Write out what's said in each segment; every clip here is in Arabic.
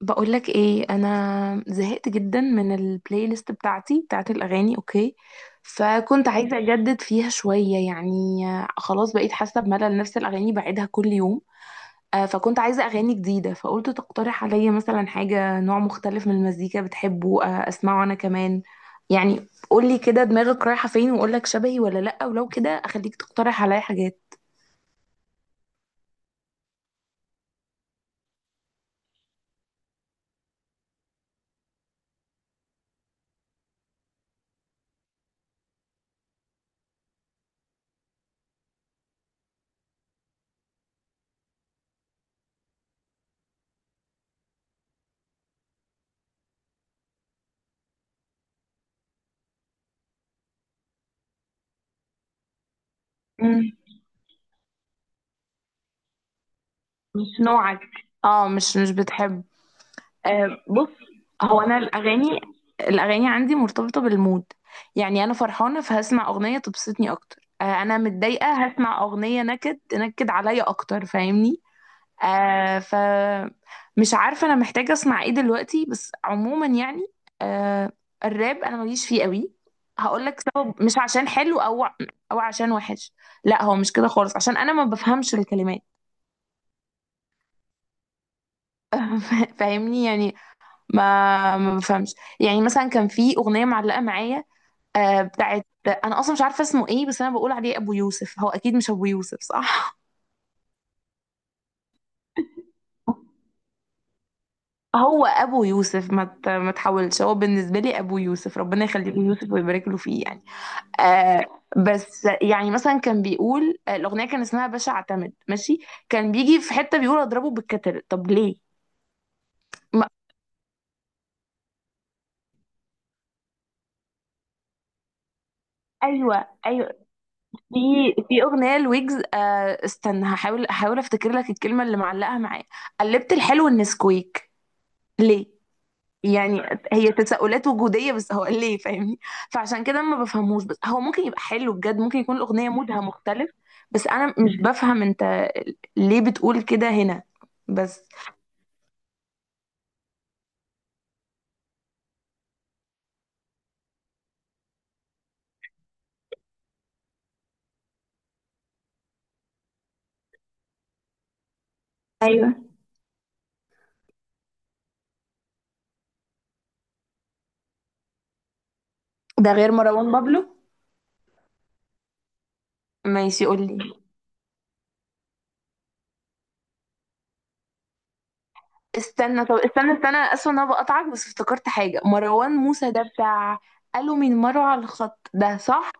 بقولك ايه؟ انا زهقت جدا من البلاي ليست بتاعتي، بتاعت الاغاني. اوكي، فكنت عايزه اجدد فيها شويه، يعني خلاص بقيت حاسه بملل نفس الاغاني، بعيدها كل يوم. فكنت عايزه اغاني جديده، فقلت تقترح عليا مثلا حاجه، نوع مختلف من المزيكا بتحبه، اسمعه انا كمان. يعني قولي كده دماغك رايحه فين، واقولك شبهي ولا لا، ولو كده اخليك تقترح عليا حاجات. مم. مش نوعك. اه مش بتحب. بص، هو انا الاغاني عندي مرتبطه بالمود. يعني انا فرحانه فهسمع اغنيه تبسطني اكتر، انا متضايقه هسمع اغنيه نكد تنكد عليا اكتر، فاهمني؟ آه ف مش عارفه انا محتاجه اسمع ايه دلوقتي، بس عموما يعني، آه، الراب انا ماليش فيه قوي. هقول لك سبب، مش عشان حلو او عشان وحش، لا هو مش كده خالص، عشان انا ما بفهمش الكلمات. فاهمني يعني؟ ما بفهمش. يعني مثلا كان في اغنيه معلقه معايا، آه، بتاعت انا اصلا مش عارفه اسمه ايه، بس انا بقول عليه ابو يوسف، هو اكيد مش ابو يوسف، صح؟ هو ابو يوسف، ما ت- ما تحاولش، هو بالنسبه لي ابو يوسف، ربنا يخليه له يوسف ويبارك له فيه، يعني آه. بس يعني مثلا كان بيقول، الاغنيه كان اسمها باشا اعتمد، ماشي، كان بيجي في حته بيقول اضربه بالكتل، طب ليه؟ ما ايوه ايوه. في في اغنيه لويجز، آه استنى، هحاول افتكر لك الكلمه اللي معلقه معايا، قلبت الحلو النسكويك، ليه؟ يعني هي تساؤلات وجوديه، بس هو ليه، فاهمني؟ فعشان كده ما بفهموش، بس هو ممكن يبقى حلو بجد، ممكن يكون الاغنيه مودها مختلف، بس انا مش بفهم. انت ليه بتقول كده هنا؟ بس ايوه. ده غير مروان بابلو. ماشي قول لي. استنى، طب استنى، اسف ان انا بقطعك، بس افتكرت حاجه، مروان موسى ده بتاع قالوا من مروه على الخط، ده صح؟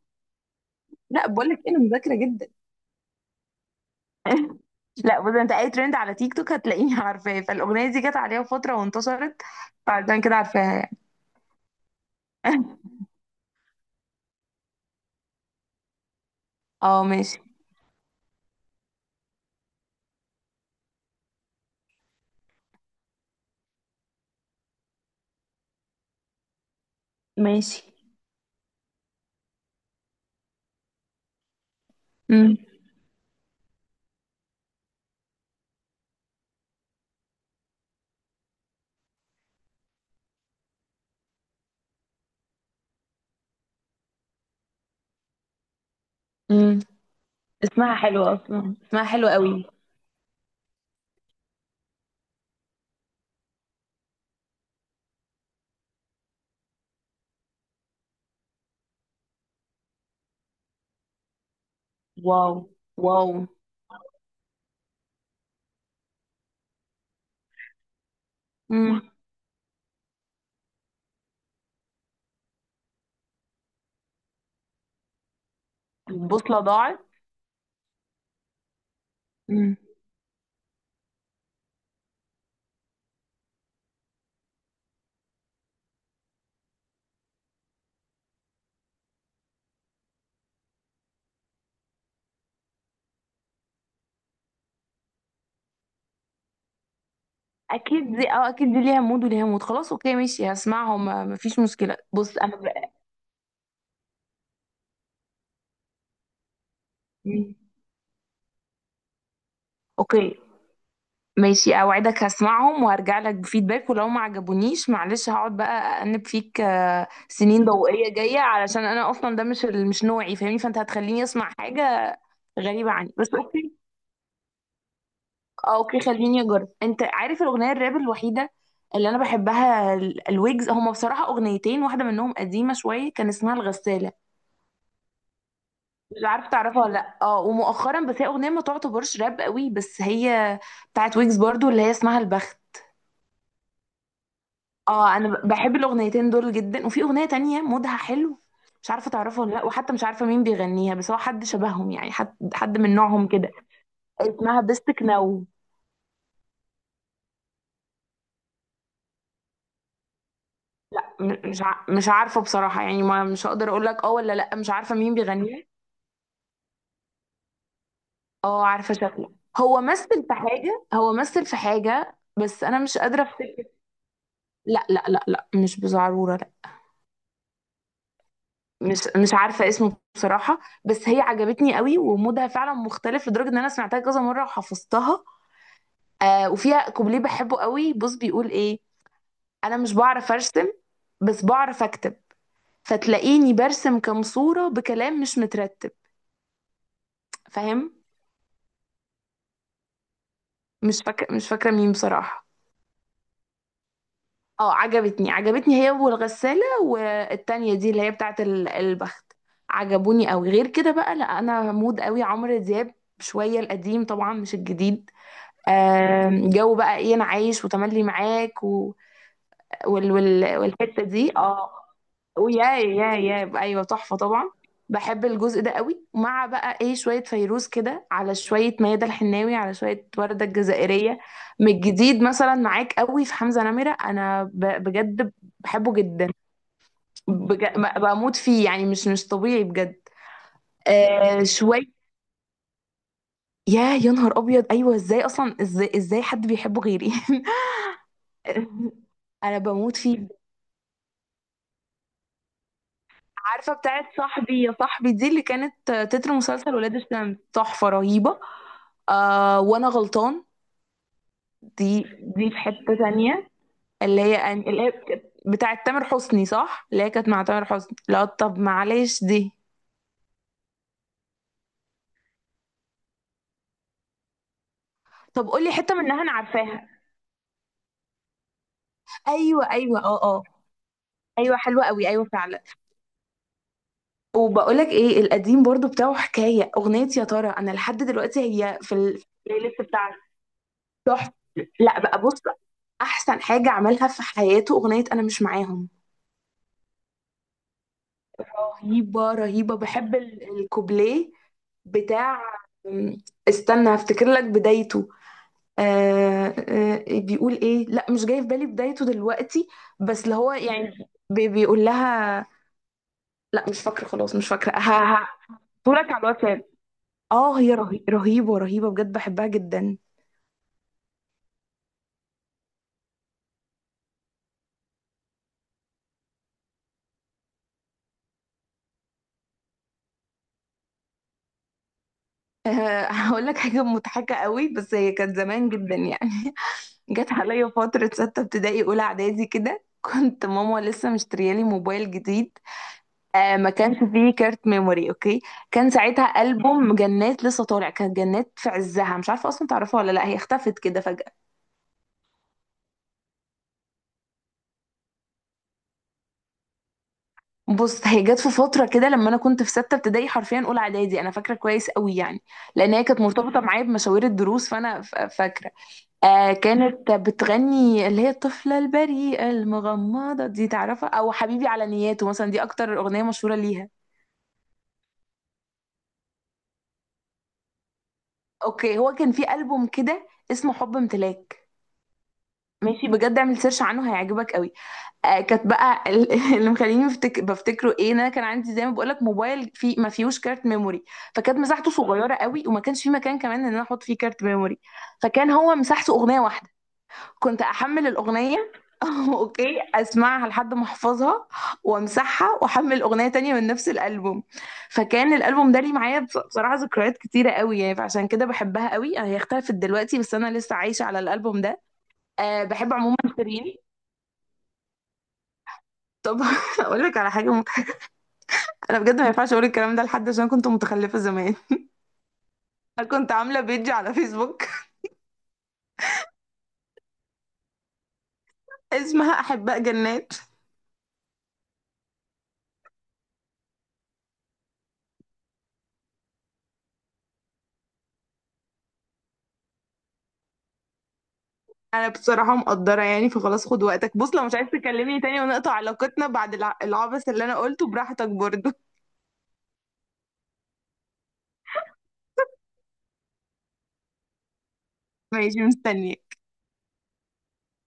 لا بقول لك انا مذاكره جدا. لا بص، انت اي ترند على تيك توك هتلاقيني عارفاه، فالاغنيه دي جت عليها فتره وانتشرت، فعشان كده عارفاها يعني. اه ماشي. ماشي. امم امم. اسمها حلو اصلا، اسمها حلو قوي. واو واو. امم. البوصله ضاعت. امم. اكيد دي، اه اكيد دي ليها مود وليها مود، خلاص اوكي ماشي هسمعهم، ما- مفيش مشكله. بص انا ب... مم. اوكي ماشي، اوعدك هسمعهم وهرجع لك بفيدباك، ولو ما عجبونيش معلش، هقعد بقى أأنب فيك سنين ضوئية جاية، علشان انا اصلا ده مش ال- مش نوعي، فاهمني؟ فانت هتخليني اسمع حاجة غريبة عني، بس اوكي. اوكي خليني اجرب. انت عارف الاغنية الراب الوحيدة اللي انا بحبها، ال- الويجز، هما بصراحة اغنيتين، واحدة منهم قديمة شوية كان اسمها الغسالة، مش عارفة تعرفها ولا لا، اه. ومؤخرا، بس هي اغنية ما تعتبرش راب قوي، بس هي بتاعت ويجز برضو، اللي هي اسمها البخت. اه انا ب- بحب الاغنيتين دول جدا. وفي اغنيه تانية مودها حلو، مش عارفه تعرفها ولا لا، وحتى مش عارفه مين بيغنيها، بس هو حد شبههم، يعني حد من نوعهم كده، اسمها بستك نو. م- مش ع- مش عارفه بصراحه، يعني ما مش هقدر اقول لك اه ولا لا، مش عارفه مين بيغنيها. اه عارفه شكله، هو مثل في حاجه، بس انا مش قادره افتكر. لا لا لا لا، مش بزعروره لا. مش عارفه اسمه بصراحه، بس هي عجبتني قوي، ومودها فعلا مختلف لدرجه ان انا سمعتها كذا مره وحفظتها. آه، وفيها كوبليه بحبه قوي، بص بيقول ايه: انا مش بعرف ارسم، بس بعرف اكتب، فتلاقيني برسم كام صورة بكلام مش مترتب. فاهم؟ مش فاكرة مين بصراحة. اه عجبتني، عجبتني هي والغسالة والتانية دي اللي هي بتاعت ال- البخت، عجبوني قوي. غير كده بقى، لا انا مود قوي عمرو دياب شوية، القديم طبعا مش الجديد. جو بقى ايه، انا عايش، وتملي معاك، والحتة دي اه. ويا يا يا ايوه تحفة طبعا. بحب الجزء ده قوي، مع بقى ايه شوية فيروز كده على شوية ميادة الحناوي على شوية وردة الجزائرية. من الجديد، مثلا معاك قوي، في حمزة نمرة انا ب- بجد بحبه جدا. بج- ب- بموت فيه، يعني مش طبيعي بجد. آه شوية. يا يا نهار ابيض، ايوه ازاي اصلا، ازاي حد بيحبه غيري؟ انا بموت فيه. عارفة بتاعت صاحبي يا صاحبي دي، اللي كانت تتر مسلسل ولاد الشمس، تحفة رهيبة. آه وانا غلطان. دي دي في حتة تانية. اللي هي أن... اللي هي بتاعت تامر حسني صح، اللي هي كانت مع تامر حسني، لا طب معلش دي. طب قولي حتة منها انا عارفاها. ايوه ايوه اه اه، ايوه حلوة قوي، ايوه فعلا. وبقولك ايه، القديم برضو بتاعه، حكاية اغنية، يا ترى انا لحد دلوقتي هي في البلاي ليست. تحفة. لا بقى بص، احسن حاجه عملها في حياته اغنيه انا مش معاهم، رهيبه رهيبه. بحب ال- الكوبليه بتاع، أم، استنى هفتكر لك بدايته، آه آه بيقول ايه؟ لا مش جاي في بالي بدايته دلوقتي، بس اللي هو يعني بي- بيقول لها، لا مش فاكره، خلاص مش فاكره، ها ها. صورك على الواتساب. اه هي رهي... رهيبه رهيبه بجد، بحبها جدا. آه هقول لك حاجه مضحكه قوي، بس هي كانت زمان جدا يعني، جت عليا فترة ستة ابتدائي أولى إعدادي كده، كنت ماما لسه مشتريالي موبايل جديد، آه ما كانش فيه كارت ميموري، أوكي. كان ساعتها ألبوم جنات لسه طالع، كانت جنات في عزها، مش عارفة أصلا تعرفها ولا لأ، هي اختفت كده فجأة. بص هي جت في فترة كده لما أنا كنت في ستة ابتدائي، حرفيا أولى إعدادي، أنا فاكرة كويس قوي يعني، لأن هي كانت مرتبطة معايا بمشاوير الدروس، فأنا ف- فاكرة. آه كانت بتغني اللي هي الطفلة البريئة المغمضة دي، تعرفها؟ أو حبيبي على نياته مثلا، دي أكتر أغنية مشهورة ليها. اوكي هو كان في ألبوم كده اسمه حب امتلاك، ماشي بجد اعمل سيرش عنه هيعجبك قوي. آه كانت بقى ال- اللي مخليني بفتك... بفتكره ايه، ان انا كان عندي زي ما بقول لك موبايل في ما فيهوش كارت ميموري، فكانت مساحته صغيره قوي، وما كانش في مكان كمان ان انا احط فيه كارت ميموري، فكان هو مساحته اغنيه واحده، كنت احمل الاغنيه اوكي، اسمعها لحد ما احفظها، وامسحها واحمل اغنيه تانية من نفس الالبوم. فكان الالبوم ده لي معايا، بص- بصراحه ذكريات كتيره قوي يعني، فعشان كده بحبها قوي، هي اختلفت دلوقتي بس انا لسه عايشه على الالبوم ده. أه بحب عموما شيرين. طب اقول لك على حاجه مضحكه، انا بجد ما ينفعش اقول الكلام ده لحد، عشان كنت متخلفه زمان. كنت عامله بيج على فيسبوك، اسمها احباء جنات. انا بصراحة مقدرة يعني، فخلاص خد وقتك، بص لو مش عايز تكلمني تاني ونقطع علاقتنا بعد الع- العبث اللي انا قلته، براحتك برضو. ماشي مستنية.